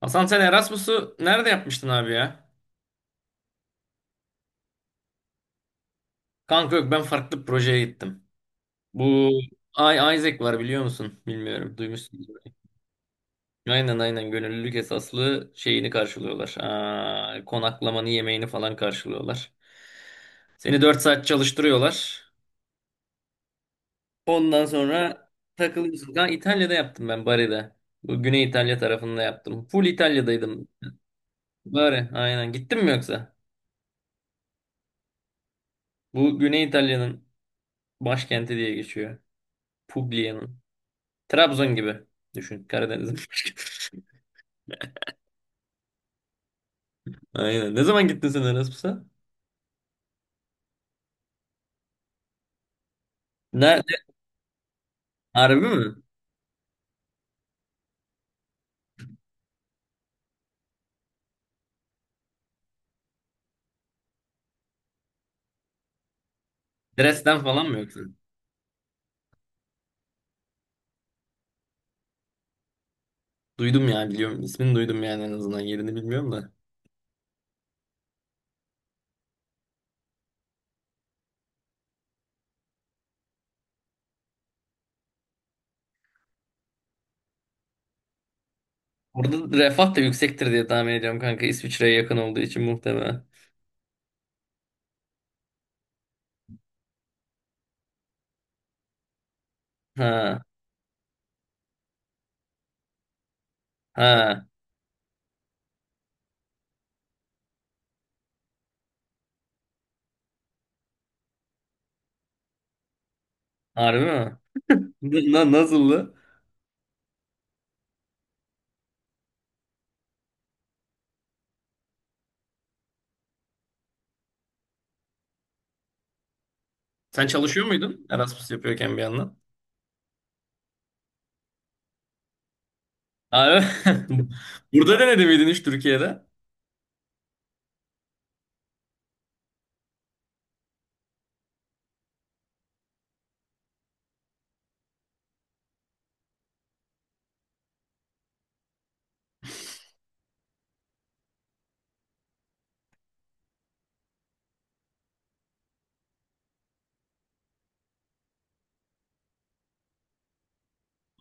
Hasan, sen Erasmus'u nerede yapmıştın abi ya? Kanka yok, ben farklı bir projeye gittim. Bu Ay, Isaac var, biliyor musun? Bilmiyorum. Duymuşsunuz. Aynen aynen, gönüllülük esaslı şeyini karşılıyorlar. Aa, konaklamanı, yemeğini falan karşılıyorlar. Seni 4 saat çalıştırıyorlar. Ondan sonra takılıyorsun. Kanka İtalya'da yaptım ben, Bari'de. Bu Güney İtalya tarafında yaptım. Full İtalya'daydım. Bari aynen. Gittin mi yoksa? Bu Güney İtalya'nın başkenti diye geçiyor. Puglia'nın. Trabzon gibi. Düşün, Karadeniz'in. Aynen. Ne zaman gittin sen Erasmus'a? Nerede? Harbi mi? Dresden falan mı yoksa? Duydum ya, biliyorum. İsmini duydum yani, en azından. Yerini bilmiyorum da. Orada refah da yüksektir diye tahmin ediyorum kanka. İsviçre'ye yakın olduğu için muhtemelen. Ha. Ha. Harbi mi? Nasıldı? Sen çalışıyor muydun Erasmus yapıyorken bir yandan? Abi. Burada denedi miydin hiç, Türkiye'de?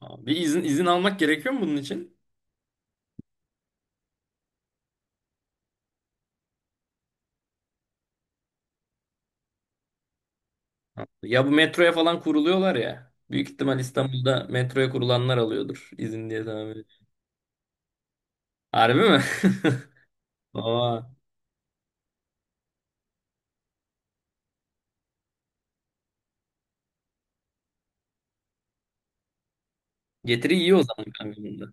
Aa, bir izin almak gerekiyor mu bunun için? Ya bu metroya falan kuruluyorlar ya. Büyük ihtimal İstanbul'da metroya kurulanlar alıyordur izin diye tahmin ediyorum. Harbi mi? Aa, getiri iyi o zaman kanka bunda.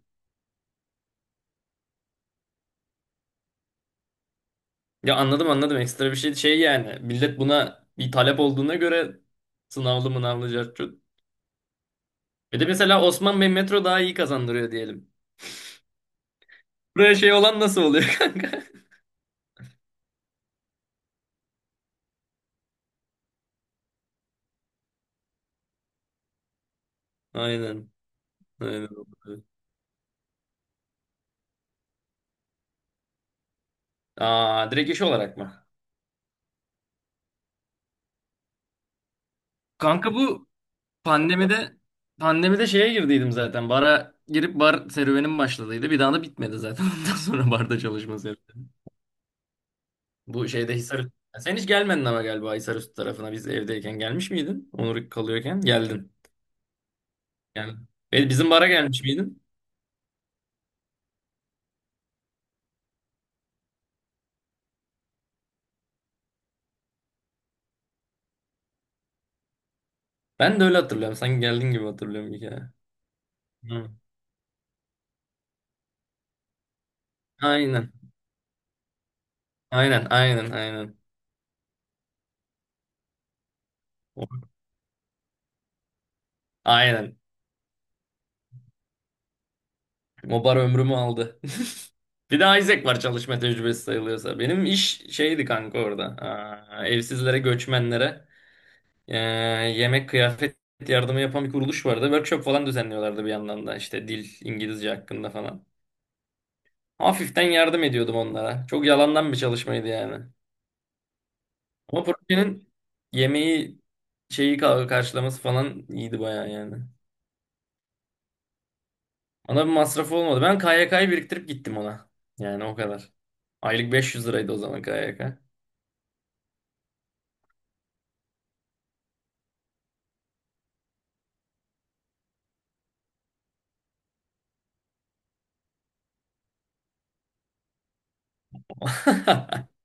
Ya anladım anladım, ekstra bir şey yani. Millet buna bir talep olduğuna göre sınavlı mınavlı cart curt. Bir de mesela Osman Bey metro daha iyi kazandırıyor diyelim. Buraya şey olan nasıl oluyor kanka? Aynen. Aynen. Aa, direkt iş olarak mı? Kanka bu Pandemide, şeye girdiydim zaten. Bara girip bar serüvenim başladıydı. Bir daha da bitmedi zaten. Ondan sonra barda çalışma serüveni. Bu şeyde Hisar Sen hiç gelmedin ama galiba Hisarüstü tarafına, biz evdeyken gelmiş miydin? Onur kalıyorken geldin. Yani bizim bara gelmiş miydin? Ben de öyle hatırlıyorum. Sanki geldin gibi hatırlıyorum bir kere. Hı. Aynen. Aynen, aynen, aynen. O- Aynen. Mobar ömrümü aldı. Bir de Isaac var, çalışma tecrübesi sayılıyorsa. Benim iş şeydi kanka orada. Aa, evsizlere, göçmenlere eee, yemek, kıyafet yardımı yapan bir kuruluş vardı. Workshop falan düzenliyorlardı bir yandan da, işte dil, İngilizce hakkında falan. Hafiften yardım ediyordum onlara. Çok yalandan bir çalışmaydı yani. Ama projenin yemeği şeyi karşılaması falan iyiydi bayağı yani. Ona bir masrafı olmadı. Ben KYK'yı biriktirip gittim ona. Yani o kadar. Aylık 500 liraydı o zaman KYK.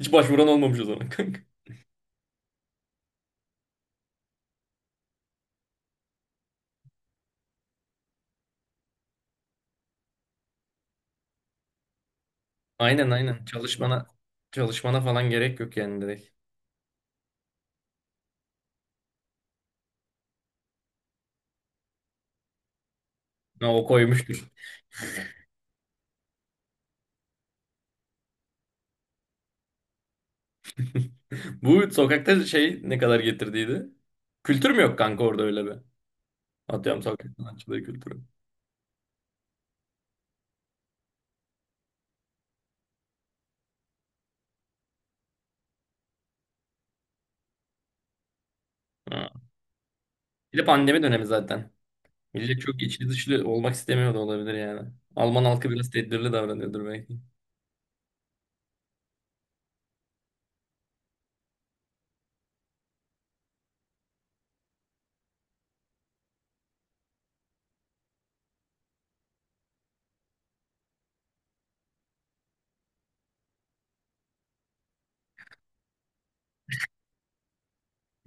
Hiç başvuran olmamış o zaman kanka. Aynen aynen. Çalışmana falan gerek yok yani, direkt. Ha, o koymuştur. Bu sokakta şey ne kadar getirdiydi? Kültür mü yok kanka orada öyle bir? Atıyorum, sokak sanatçılığı kültürü. Ha. Bir de pandemi dönemi zaten. Millet çok içli dışlı olmak istemiyor da olabilir yani. Alman halkı biraz tedbirli davranıyordur belki.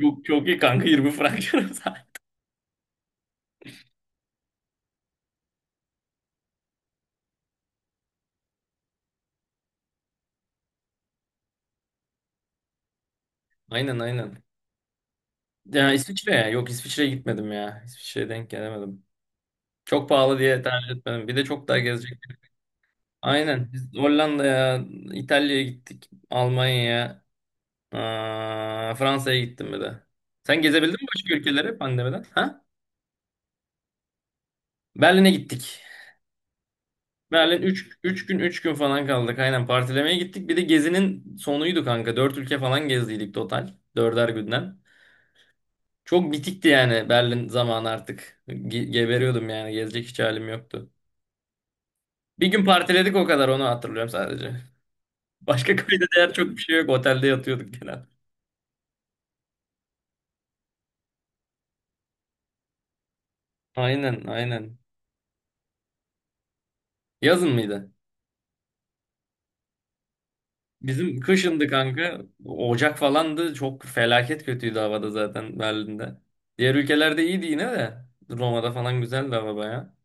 Çok çok iyi kanka 20 frank. Aynen aynen. Ya İsviçre ya. Yok, İsviçre'ye gitmedim ya. İsviçre'ye denk gelemedim. Çok pahalı diye tercih etmedim. Bir de çok daha gezecek. Aynen. Biz Hollanda'ya, İtalya'ya gittik. Almanya'ya, aa, Fransa'ya gittim bir de. Sen gezebildin mi başka ülkelere pandemiden? Ha? Berlin'e gittik. Berlin üç gün falan kaldık. Aynen, partilemeye gittik. Bir de gezinin sonuydu kanka. 4 ülke falan gezdiydik total. Dörder günden. Çok bitikti yani Berlin zamanı artık. Geberiyordum yani. Gezecek hiç halim yoktu. Bir gün partiledik o kadar, onu hatırlıyorum sadece. Başka kayda değer çok bir şey yok. Otelde yatıyorduk genel. Aynen aynen. Yazın mıydı? Bizim kışındı kanka. Ocak falandı. Çok felaket kötüydü havada zaten Berlin'de. Diğer ülkelerde iyiydi yine de. Roma'da falan güzeldi hava baya.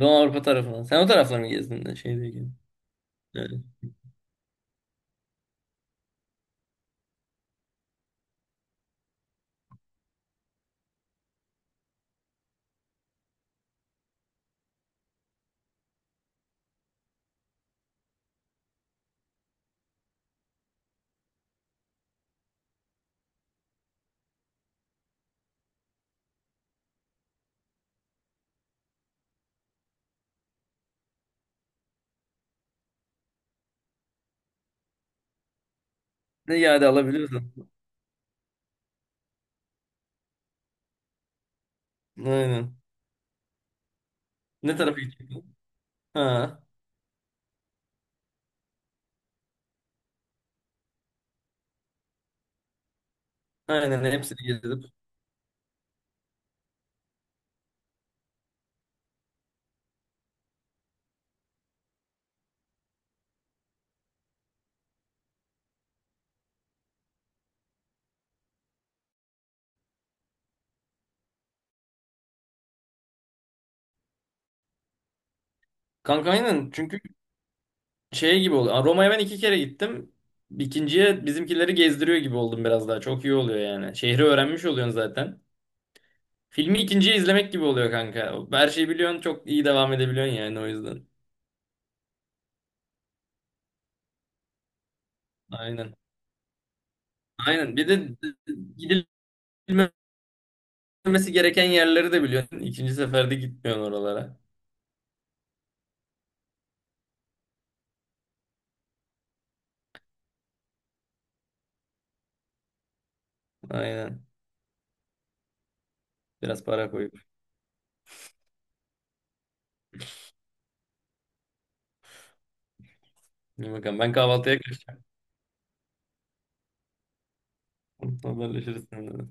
Doğu Avrupa tarafına. Sen o tarafları mı gezdin de şey diye. Yani. Ne iade alabiliyorsun. Aynen. Ne tarafa gidecektin? Ha. Aynen, hepsini gezip. Kanka aynen. Çünkü şey gibi oluyor. Roma'ya ben iki kere gittim. İkinciye bizimkileri gezdiriyor gibi oldum biraz daha. Çok iyi oluyor yani. Şehri öğrenmiş oluyorsun zaten. Filmi ikinciye izlemek gibi oluyor kanka. Her şeyi biliyorsun, çok iyi devam edebiliyorsun yani, o yüzden. Aynen. Aynen. Bir de gidilmemesi gereken yerleri de biliyorsun. İkinci seferde gitmiyorsun oralara. Aynen. Biraz para koyup. İyi, bakalım. Ben kahvaltıya kaçtım. Haberleşiriz seninle.